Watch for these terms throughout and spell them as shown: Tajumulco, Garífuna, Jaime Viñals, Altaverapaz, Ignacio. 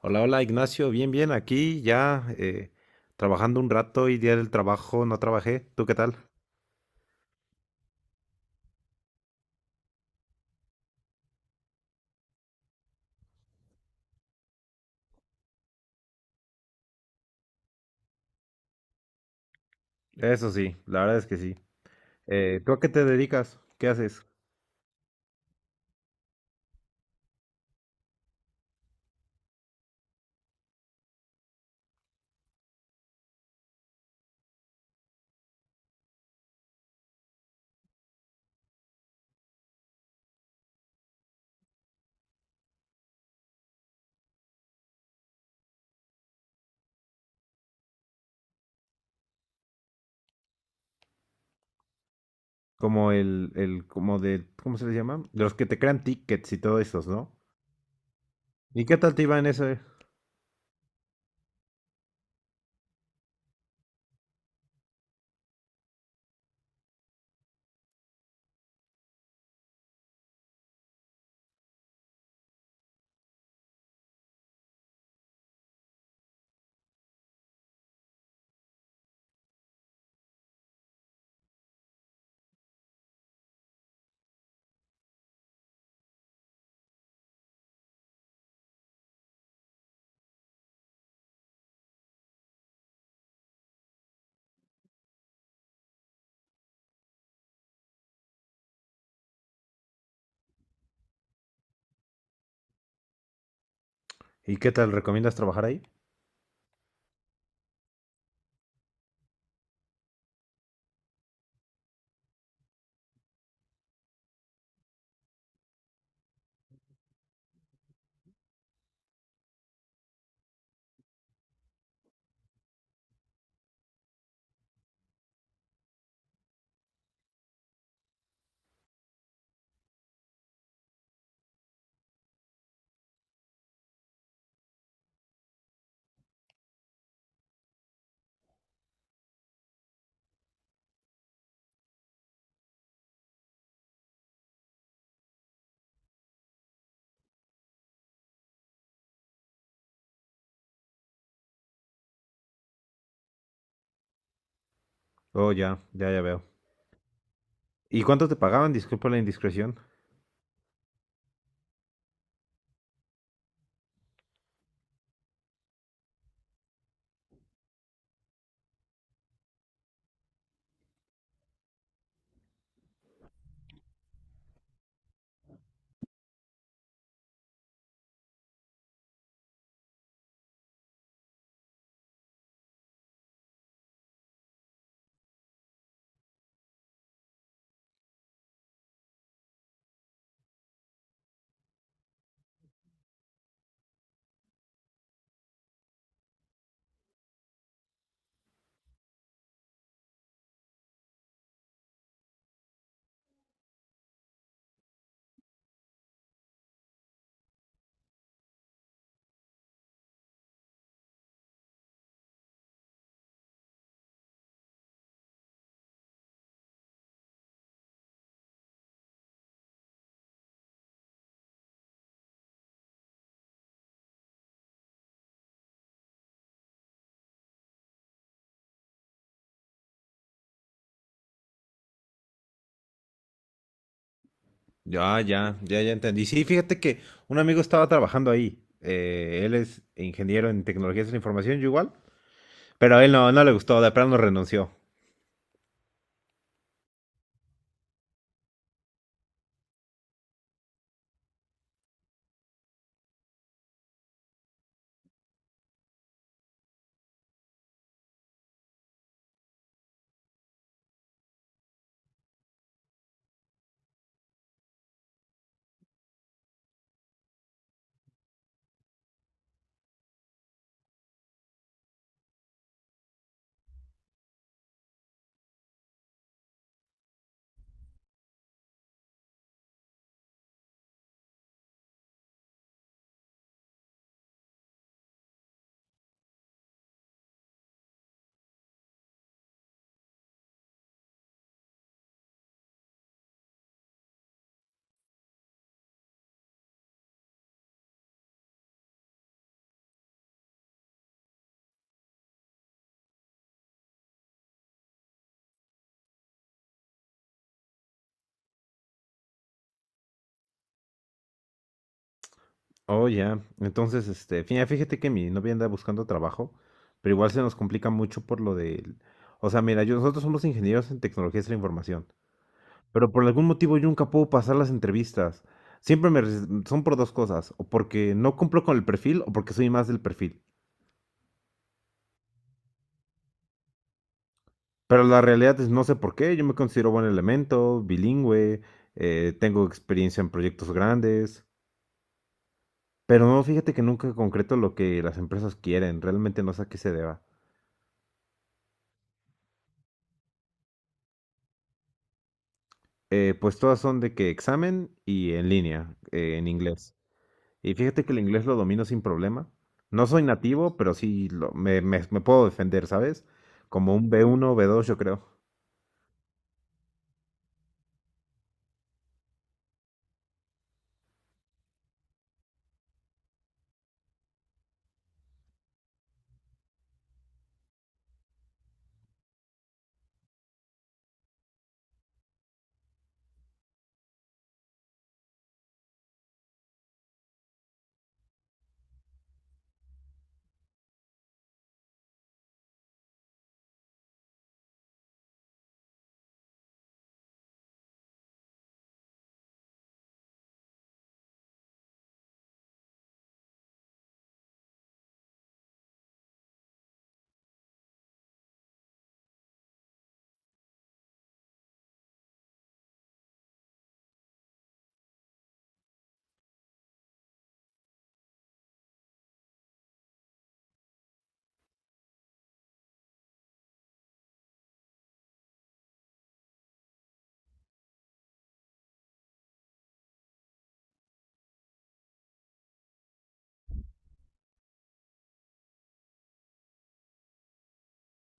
Hola, hola Ignacio, bien, bien, aquí ya trabajando un rato y día del trabajo no trabajé. ¿Tú qué tal? Eso sí, la verdad es que sí. ¿Tú a qué te dedicas? ¿Qué haces? Como como de, ¿cómo se les llama? De los que te crean tickets y todo esos, ¿no? ¿Y qué tal te iba en ese? ¿Y qué tal? ¿Recomiendas trabajar ahí? Oh, ya, ya, ya veo. ¿Y cuánto te pagaban? Disculpa la indiscreción. Ya, ya, ya, ya entendí. Sí, fíjate que un amigo estaba trabajando ahí. Él es ingeniero en tecnologías de la información, yo igual. Pero a él no, no le gustó, de plano renunció. Oh, ya. Entonces, este, fíjate que mi novia anda buscando trabajo, pero igual se nos complica mucho por lo del… O sea, mira, nosotros somos ingenieros en tecnologías de la información, pero por algún motivo yo nunca puedo pasar las entrevistas. Siempre me… son por dos cosas, o porque no cumplo con el perfil o porque soy más del perfil. Pero la realidad es no sé por qué, yo me considero buen elemento, bilingüe, tengo experiencia en proyectos grandes, pero no, fíjate que nunca concreto lo que las empresas quieren, realmente no sé a qué se deba. Pues todas son de que examen y en línea, en inglés. Y fíjate que el inglés lo domino sin problema. No soy nativo, pero sí me puedo defender, ¿sabes? Como un B1, B2, yo creo.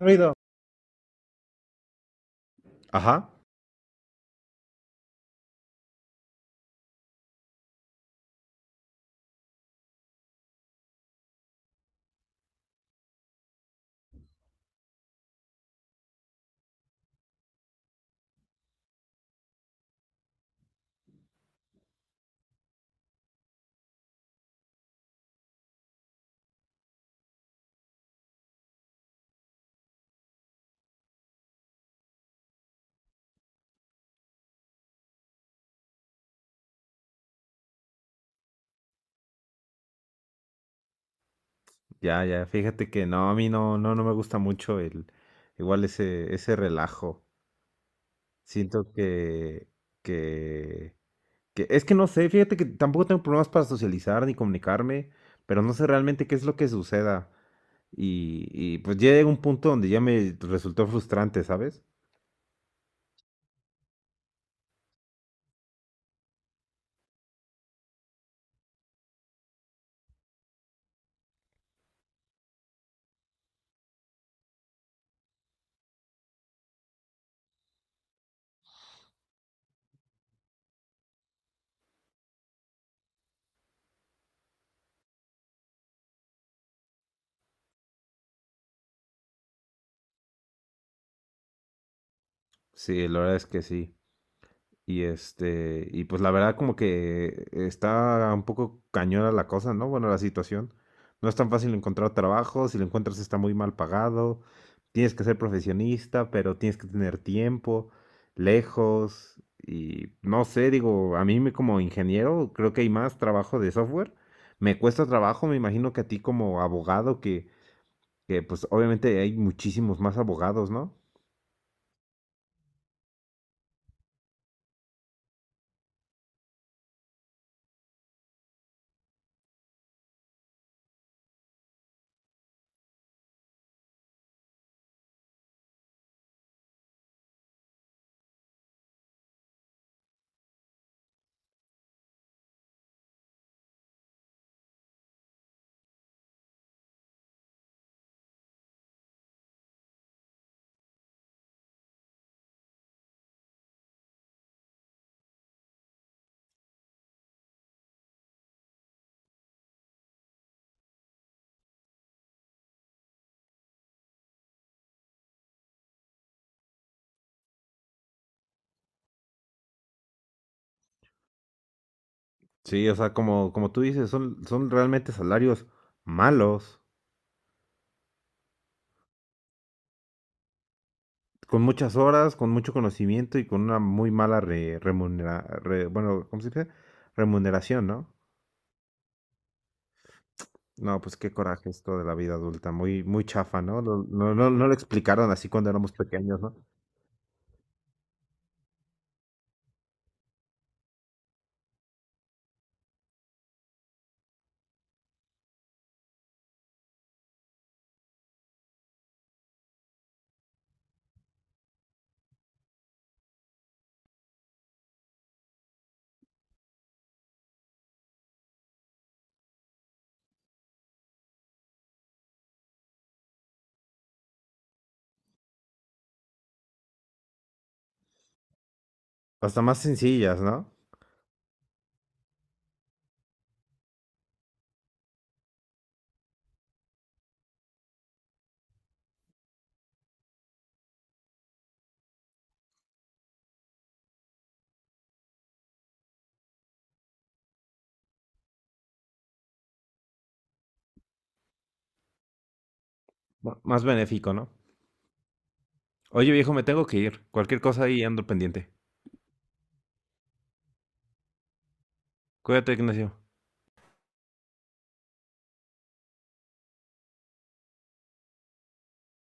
Ruido. Ajá. Ya, ya, fíjate que no, a mí no, no, no me gusta mucho igual ese, ese relajo. Siento que Que, es que no sé, fíjate que tampoco tengo problemas para socializar ni comunicarme, pero no sé realmente qué es lo que suceda. Y pues ya llega un punto donde ya me resultó frustrante, ¿sabes? Sí, la verdad es que sí. Y este, y pues la verdad como que está un poco cañona la cosa, ¿no? Bueno, la situación. No es tan fácil encontrar trabajo, si lo encuentras está muy mal pagado, tienes que ser profesionista, pero tienes que tener tiempo, lejos, y no sé, digo, como ingeniero creo que hay más trabajo de software. Me cuesta trabajo, me imagino que a ti como abogado, que pues obviamente hay muchísimos más abogados, ¿no? Sí, o sea, como, como tú dices, son, son realmente salarios malos, con muchas horas, con mucho conocimiento y con una muy mala remunera, bueno, ¿cómo se dice? Remuneración, ¿no? No, pues qué coraje esto de la vida adulta, muy, muy chafa, ¿no? No, no, no, no lo explicaron así cuando éramos pequeños, ¿no? Hasta más sencillas, ¿no? Más benéfico, ¿no? Oye, viejo, me tengo que ir. Cualquier cosa ahí ando pendiente. Cuídate, Ignacio.